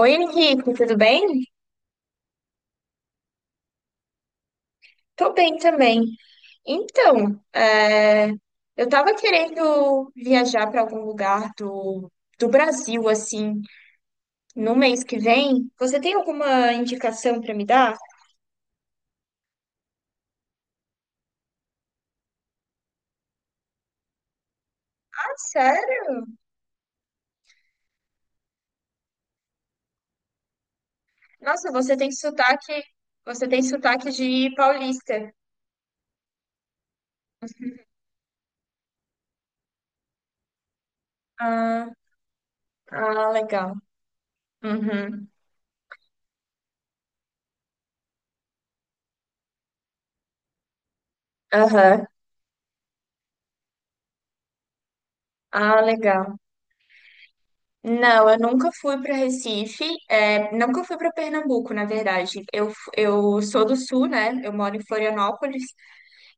Oi, Henrique, tudo bem? Tô bem também. Então, é, eu tava querendo viajar para algum lugar do Brasil, assim, no mês que vem. Você tem alguma indicação para me dar? Ah, sério? Nossa, você tem você tem sotaque de paulista. Ah, ah, legal. Uhum. Aham. Ah, legal. Não, eu nunca fui para Recife, é, nunca fui para Pernambuco, na verdade. Eu sou do Sul, né? Eu moro em Florianópolis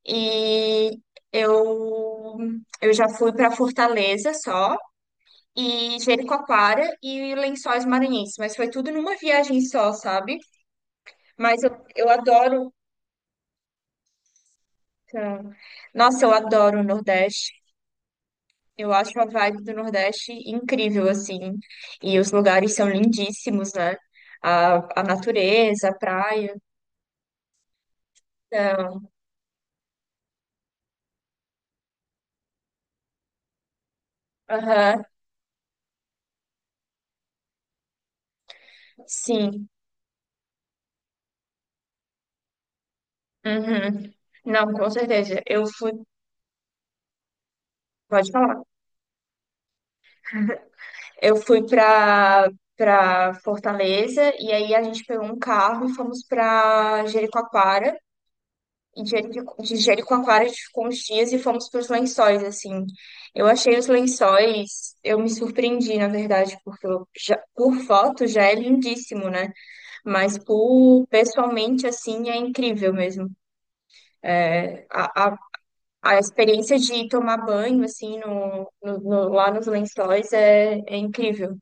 e eu, eu já fui para Fortaleza só, e Jericoacoara e Lençóis Maranhenses, mas foi tudo numa viagem só, sabe? Mas eu adoro. hum, Nossa, eu adoro o Nordeste. Eu acho a vibe do Nordeste incrível, assim. E os lugares são lindíssimos, né? A natureza, a praia. Então, aham, sim. Uhum. Não, com certeza. Pode falar. Eu fui pra, pra Fortaleza e aí a gente pegou um carro e fomos pra Jericoacoara. E de Jericoacoara, a gente ficou uns dias e fomos para os Lençóis, assim. Eu achei os Lençóis, eu me surpreendi, na verdade, porque eu por foto já é lindíssimo, né? Mas por pessoalmente, assim, é incrível mesmo. É, A, a, a experiência de tomar banho, assim, lá nos Lençóis é incrível.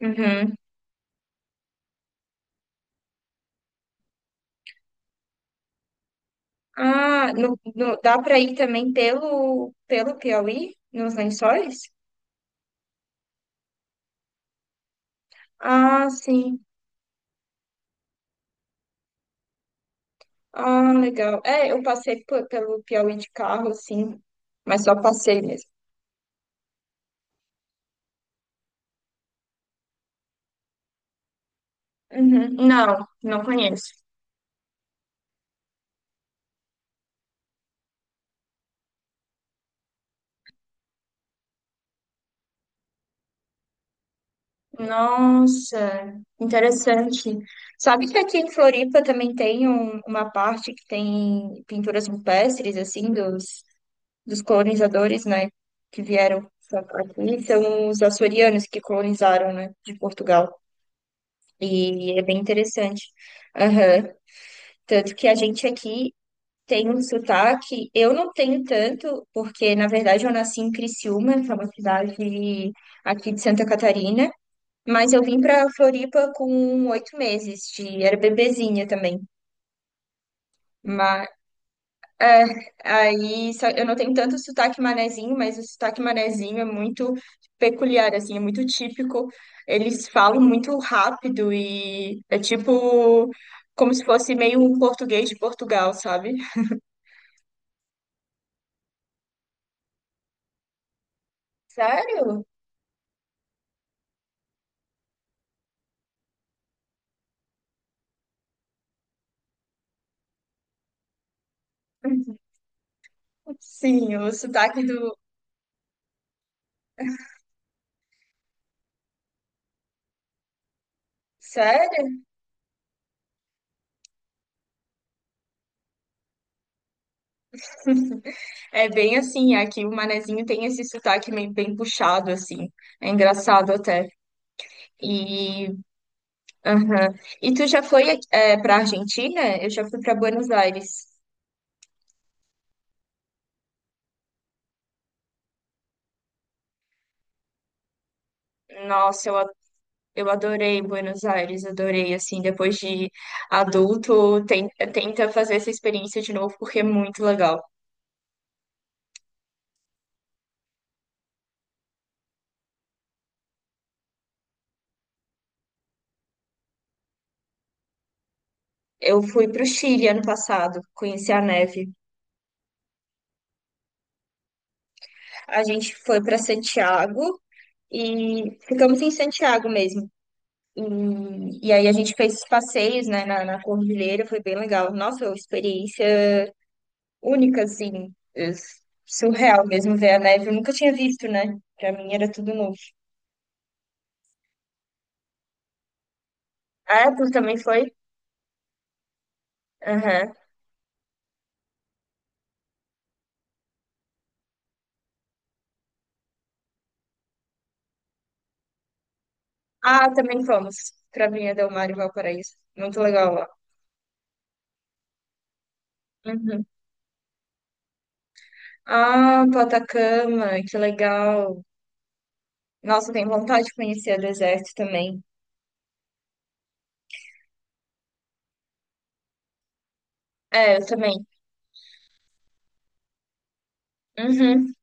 Uhum. Ah, dá para ir também pelo Piauí, nos Lençóis? Ah, sim. Ah, legal. É, eu passei pelo Piauí de carro, sim, mas só passei mesmo. Uhum. Não, não conheço. Nossa, interessante. Sabe que aqui em Floripa também tem uma parte que tem pinturas rupestres, assim, dos colonizadores, né, que vieram pra aqui. São os açorianos que colonizaram, né, de Portugal. E é bem interessante. Aham. Tanto que a gente aqui tem um sotaque, eu não tenho tanto, porque na verdade eu nasci em Criciúma, que é uma cidade aqui de Santa Catarina, mas eu vim para Floripa com 8 meses, de, era bebezinha também. Mas, é, eu não tenho tanto sotaque manezinho, mas o sotaque manezinho é muito peculiar, assim, é muito típico. Eles falam muito rápido e é tipo como se fosse meio um português de Portugal, sabe? Sério? Sim, o sotaque do. Sério? É bem assim, aqui o manezinho tem esse sotaque meio bem puxado, assim. É engraçado até. E, aham. E tu já foi para Argentina? Eu já fui para Buenos Aires. Nossa, eu, a- eu adorei Buenos Aires, adorei, assim, depois de adulto, tenta fazer essa experiência de novo, porque é muito legal. Eu fui para o Chile ano passado, conheci a neve. A gente foi para Santiago, e ficamos em Santiago mesmo. E aí a gente fez esses passeios, né, na cordilheira, foi bem legal. Nossa, uma experiência única, assim, surreal mesmo ver a neve. Eu nunca tinha visto, né? Pra mim era tudo novo. Ah, tu também foi? Aham. Ah, também fomos pra Vinha Del Mar e Valparaíso. Muito legal lá. Uhum. Ah, pro Atacama, que legal. Nossa, eu tenho vontade de conhecer o deserto também. É, eu também. Uhum.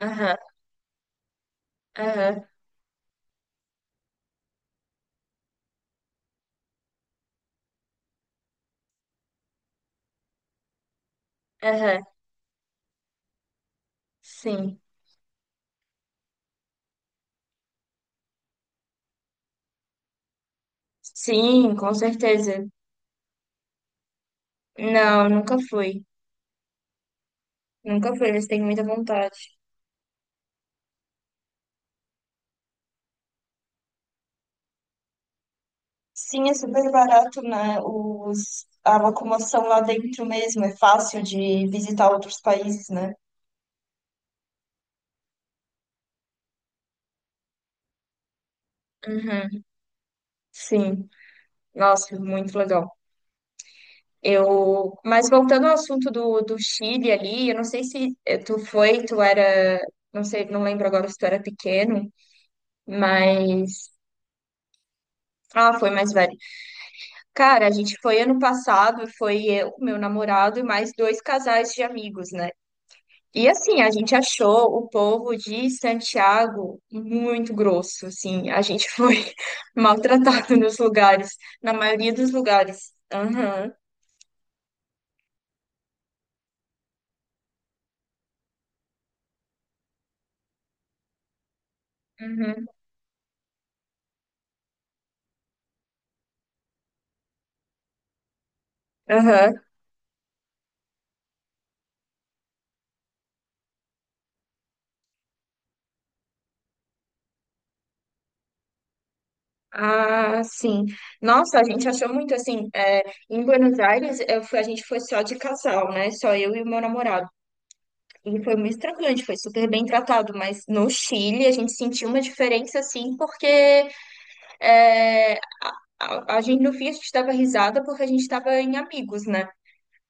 Aham, aham, aham. Sim. Sim, com certeza. Não, nunca fui. Nunca fui, eles têm muita vontade. Sim, é super barato, né? Os, a locomoção lá dentro mesmo é fácil de visitar outros países, né? Uhum, sim, nossa, muito legal. Eu, mas voltando ao assunto do Chile ali, eu não sei se tu não sei, não lembro agora se tu era pequeno, mas ah, foi mais velho. Cara, a gente foi ano passado, foi eu, meu namorado e mais dois casais de amigos, né? E assim, a gente achou o povo de Santiago muito grosso, assim, a gente foi maltratado nos lugares, na maioria dos lugares. Aham, uhum, aham. Ah, sim. Nossa, a gente achou muito assim, é, em Buenos Aires, a gente foi só de casal, né? Só eu e o meu namorado. E foi muito tranquilo, a gente foi super bem tratado, mas no Chile a gente sentiu uma diferença, assim, porque é, a gente, no fim, a gente dava risada porque a gente estava em amigos, né?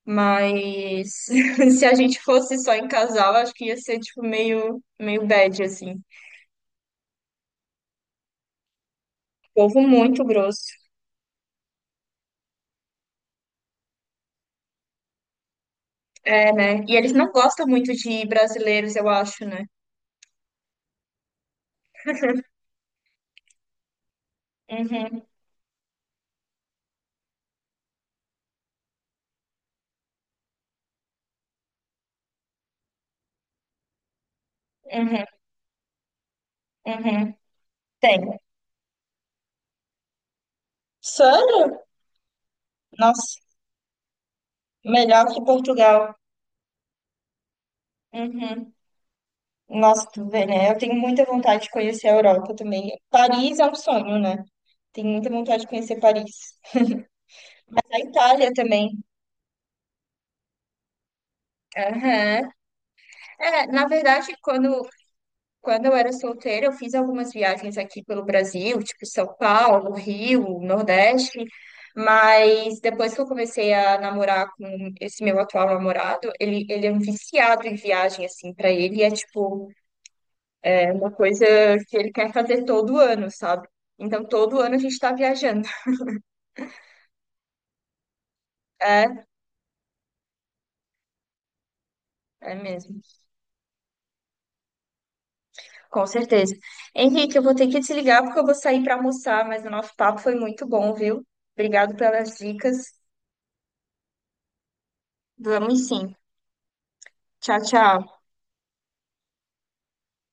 Mas se a gente fosse só em casal, acho que ia ser, tipo, meio bad, assim. Povo muito grosso. É, né? E eles não gostam muito de brasileiros, eu acho, né? Uhum, uhum, uhum. Tem. Sério? Nossa, melhor que Portugal. Uhum. Nossa, tu vê, né? Eu tenho muita vontade de conhecer a Europa também. Paris é um sonho, né? Tenho muita vontade de conhecer Paris. Mas a Itália também. Aham. É, na verdade, quando eu era solteira, eu fiz algumas viagens aqui pelo Brasil, tipo São Paulo, Rio, Nordeste. Mas depois que eu comecei a namorar com esse meu atual namorado, ele é um viciado em viagem, assim, pra ele é tipo é uma coisa que ele quer fazer todo ano, sabe? Então, todo ano a gente está viajando. É, é mesmo. Com certeza. Henrique, eu vou ter que desligar porque eu vou sair para almoçar, mas o nosso papo foi muito bom, viu? Obrigado pelas dicas. Vamos sim. Tchau, tchau.